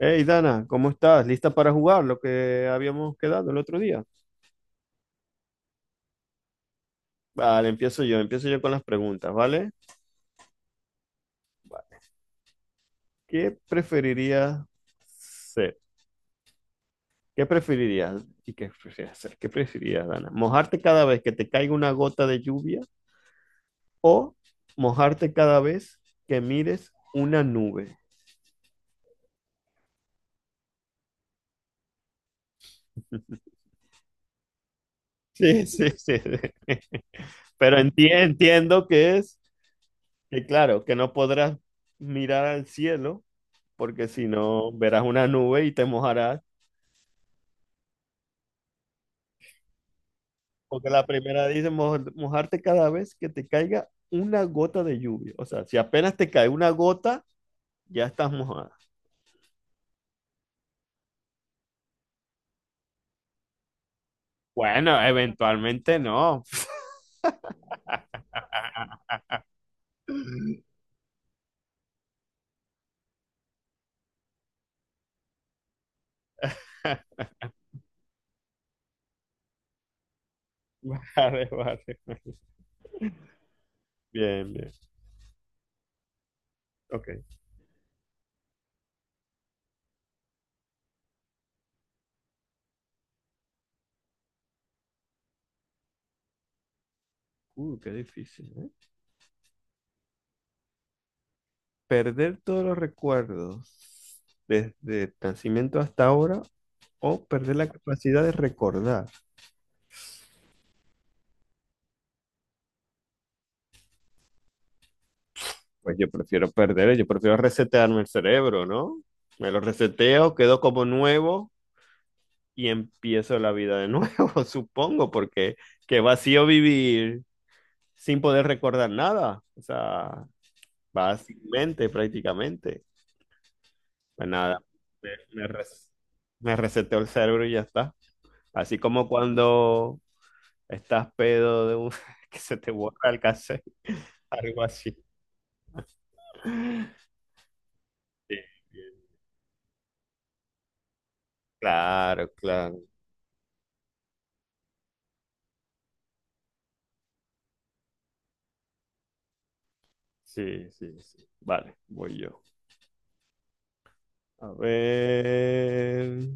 Hey Dana, ¿cómo estás? ¿Lista para jugar lo que habíamos quedado el otro día? Vale, empiezo yo con las preguntas, ¿vale? ¿Qué preferirías ser? ¿Qué preferirías? ¿Y qué preferirías ser? ¿Qué preferirías, Dana? ¿Mojarte cada vez que te caiga una gota de lluvia o mojarte cada vez que mires una nube? Sí, sí, sí, sí. Pero entiendo que es, que claro, que no podrás mirar al cielo, porque si no verás una nube y te mojarás. Porque la primera dice "Mojarte cada vez que te caiga una gota de lluvia". O sea, si apenas te cae una gota, ya estás mojada. Bueno, eventualmente no. Vale, vale. Bien, bien. Ok. Qué difícil, ¿eh? Perder todos los recuerdos desde el nacimiento hasta ahora o perder la capacidad de recordar. Pues yo prefiero resetearme el cerebro, ¿no? Me lo reseteo, quedo como nuevo. Y empiezo la vida de nuevo, supongo, porque qué vacío vivir sin poder recordar nada, o sea, va sin mente prácticamente. Pues nada, me, me, res- me reseteó el cerebro y ya está. Así como cuando estás pedo de un, que se te borra el cassette, algo así. Sí, claro, claro. Sí, sí, sí. Vale, voy yo. A ver.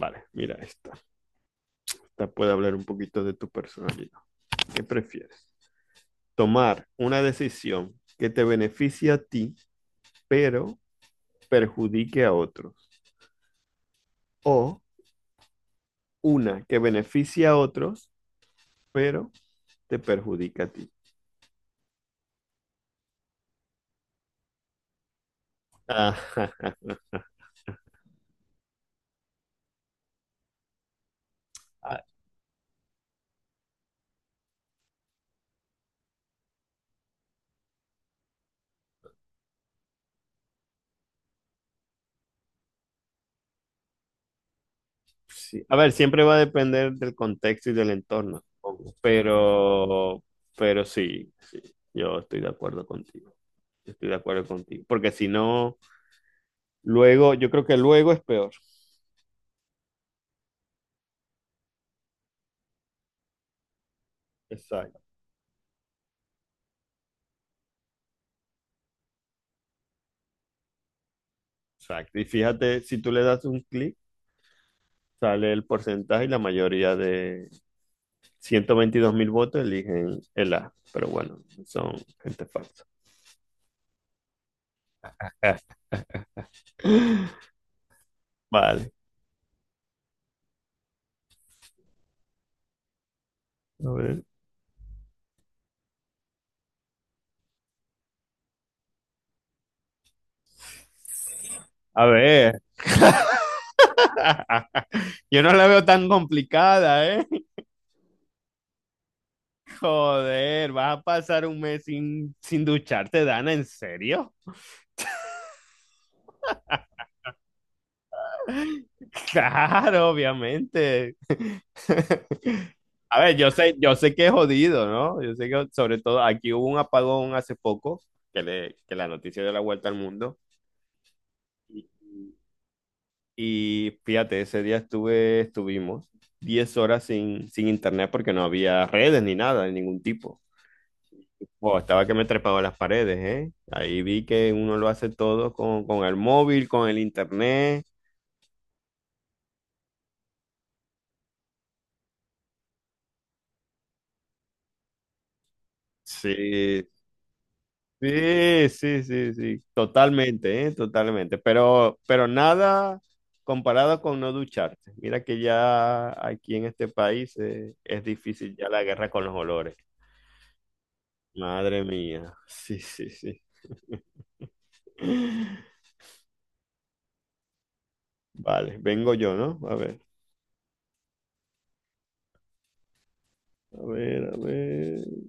Vale, mira esto. Puede hablar un poquito de tu personalidad. ¿Qué prefieres? Tomar una decisión que te beneficie a ti, pero perjudique a otros. O una que beneficie a otros, pero te perjudica a ti. Ah, sí. A ver, siempre va a depender del contexto y del entorno, supongo. pero sí, sí, yo estoy de acuerdo contigo. Yo estoy de acuerdo contigo. Porque si no, luego, yo creo que luego es peor. Exacto. Exacto. Y fíjate, si tú le das un clic, sale el porcentaje y la mayoría de 122.000 votos eligen el A. Pero bueno, son gente falsa. Vale. A ver. A ver, yo no la veo tan complicada, ¿eh? Joder, vas a pasar un mes sin ducharte, Dana, ¿en serio? Claro, obviamente. A ver, yo sé que es jodido, ¿no? Yo sé que sobre todo aquí hubo un apagón hace poco, que la noticia dio la vuelta al mundo. Y, y fíjate, ese día estuve, estuvimos 10 horas sin internet, porque no había redes ni nada de ningún tipo. Wow, estaba que me trepaba las paredes, ¿eh? Ahí vi que uno lo hace todo con el móvil, con el internet. Sí, sí, sí, sí, sí, totalmente, ¿eh? Totalmente. Pero nada comparado con no ducharte. Mira que ya aquí en este país es difícil ya la guerra con los olores. Madre mía, sí, sí, sí. Vale, vengo yo, ¿no? A ver, a ver, a ver.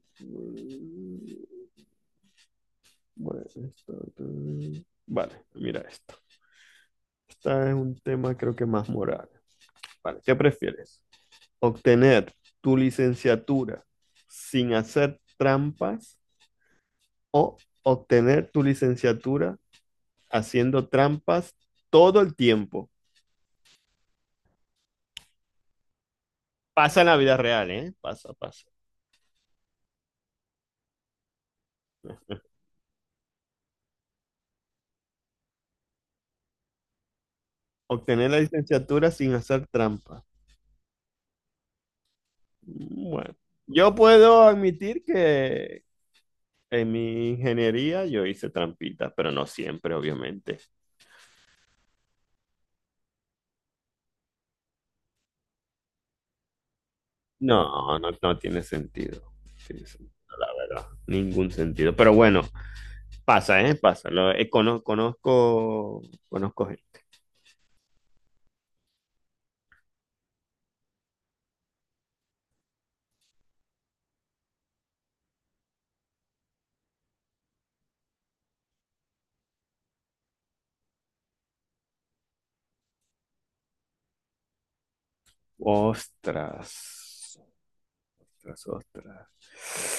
Bueno, esto, esto. Vale, mira esto. Esta es un tema creo que más moral. Vale, ¿qué prefieres? Obtener tu licenciatura sin hacer trampas o obtener tu licenciatura haciendo trampas todo el tiempo. Pasa en la vida real, ¿eh? Pasa, pasa. Obtener la licenciatura sin hacer trampas. Bueno, yo puedo admitir que en mi ingeniería yo hice trampitas, pero no siempre, obviamente. No, no, no tiene sentido. No tiene sentido, la verdad. Ningún sentido. Pero bueno, pasa, ¿eh? Pasa. Conozco gente. Ostras, ostras, ostras.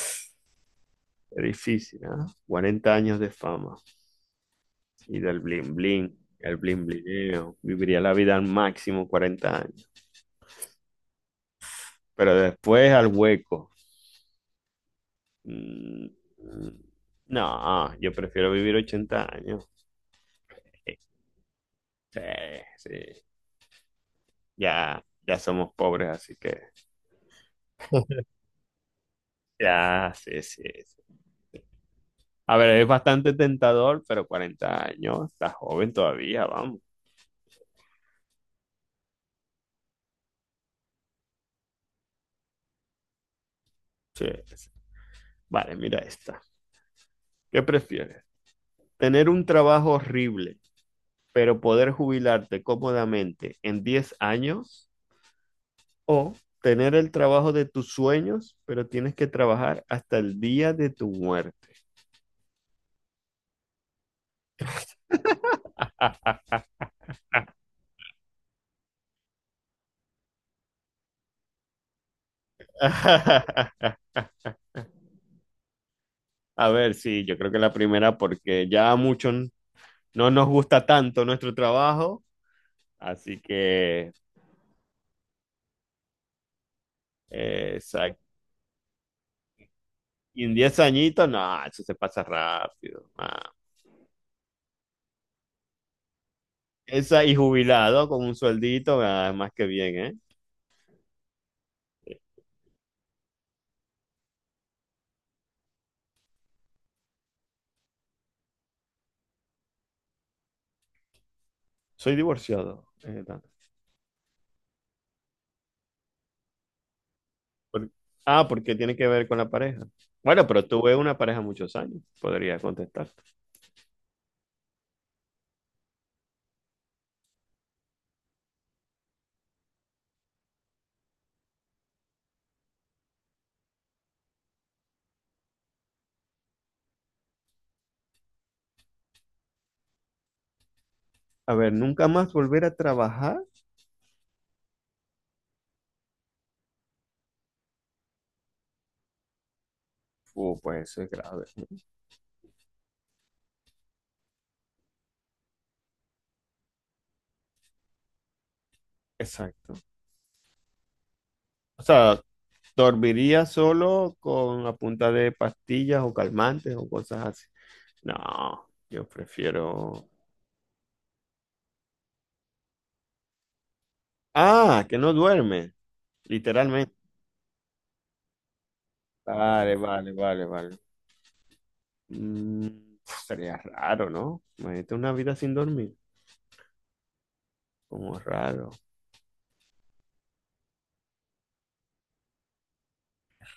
Es difícil, ¿ah? 40 años de fama y del bling bling, el bling blineo. Viviría la vida al máximo 40 años. Pero después al hueco. Mm, mm, No, yo prefiero vivir 80 años. Sí, sí. Ya, ya somos pobres, así que ya, sí, sí, sí. A ver, es bastante tentador, pero 40 años, está joven todavía, vamos. Sí. Vale, mira esta. ¿Qué prefieres? ¿Tener un trabajo horrible, pero poder jubilarte cómodamente en 10 años? ¿O tener el trabajo de tus sueños, pero tienes que trabajar hasta el día de tu muerte? A ver, sí, yo creo que la primera, porque ya a muchos no nos gusta tanto nuestro trabajo, así que. Exacto. Y en 10 añitos, no, eso se pasa rápido. Ah. Esa y jubilado con un sueldito, ah, más que bien, ¿eh? Soy divorciado. Por- Porque tiene que ver con la pareja. Bueno, pero tuve una pareja muchos años, podría contestarte. A ver, ¿nunca más volver a trabajar? Pues eso es grave, ¿no? Exacto. O sea, dormiría solo con la punta de pastillas o calmantes o cosas así. No, yo prefiero. Ah, que no duerme, literalmente. Vale, vale, vale, vale. Mm, Sería raro, ¿no? Imagínate una vida sin dormir. Como raro,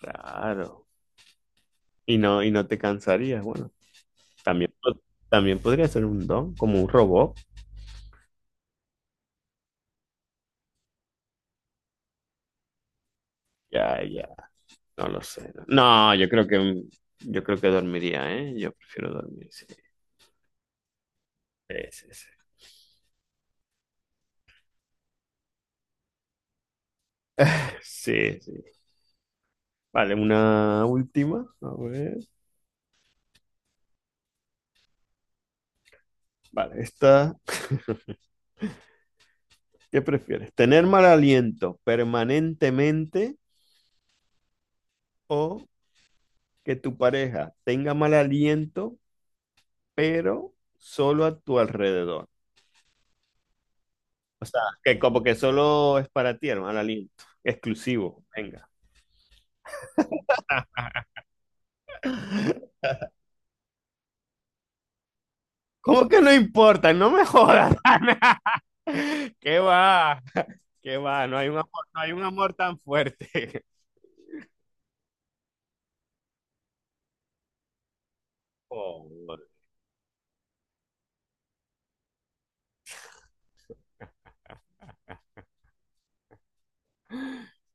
raro. Y no te cansarías. Bueno, también, también podría ser un don, como un robot. Ya, ya, no lo sé. No, yo creo que dormiría, ¿eh? Yo prefiero dormir, sí. Sí, sí, sí. Sí, sí. Vale, una última. A ver. Vale, esta. ¿Qué prefieres? ¿Tener mal aliento permanentemente o que tu pareja tenga mal aliento, pero solo a tu alrededor? O sea, que como que solo es para ti el mal aliento, exclusivo, venga. ¿Cómo que no importa? No me jodas, Ana. ¿Qué va? ¿Qué va? No hay un amor, no hay un amor tan fuerte. Oh,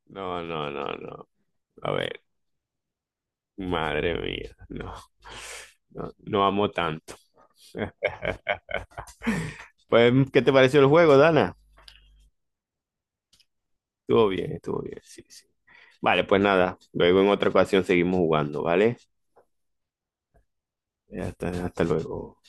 no, no, no, no. A ver, madre mía, no. No, no amo tanto. Pues, ¿qué te pareció el juego, Dana? Estuvo bien, sí, sí. Vale, pues nada, luego en otra ocasión seguimos jugando, ¿vale? Hasta luego.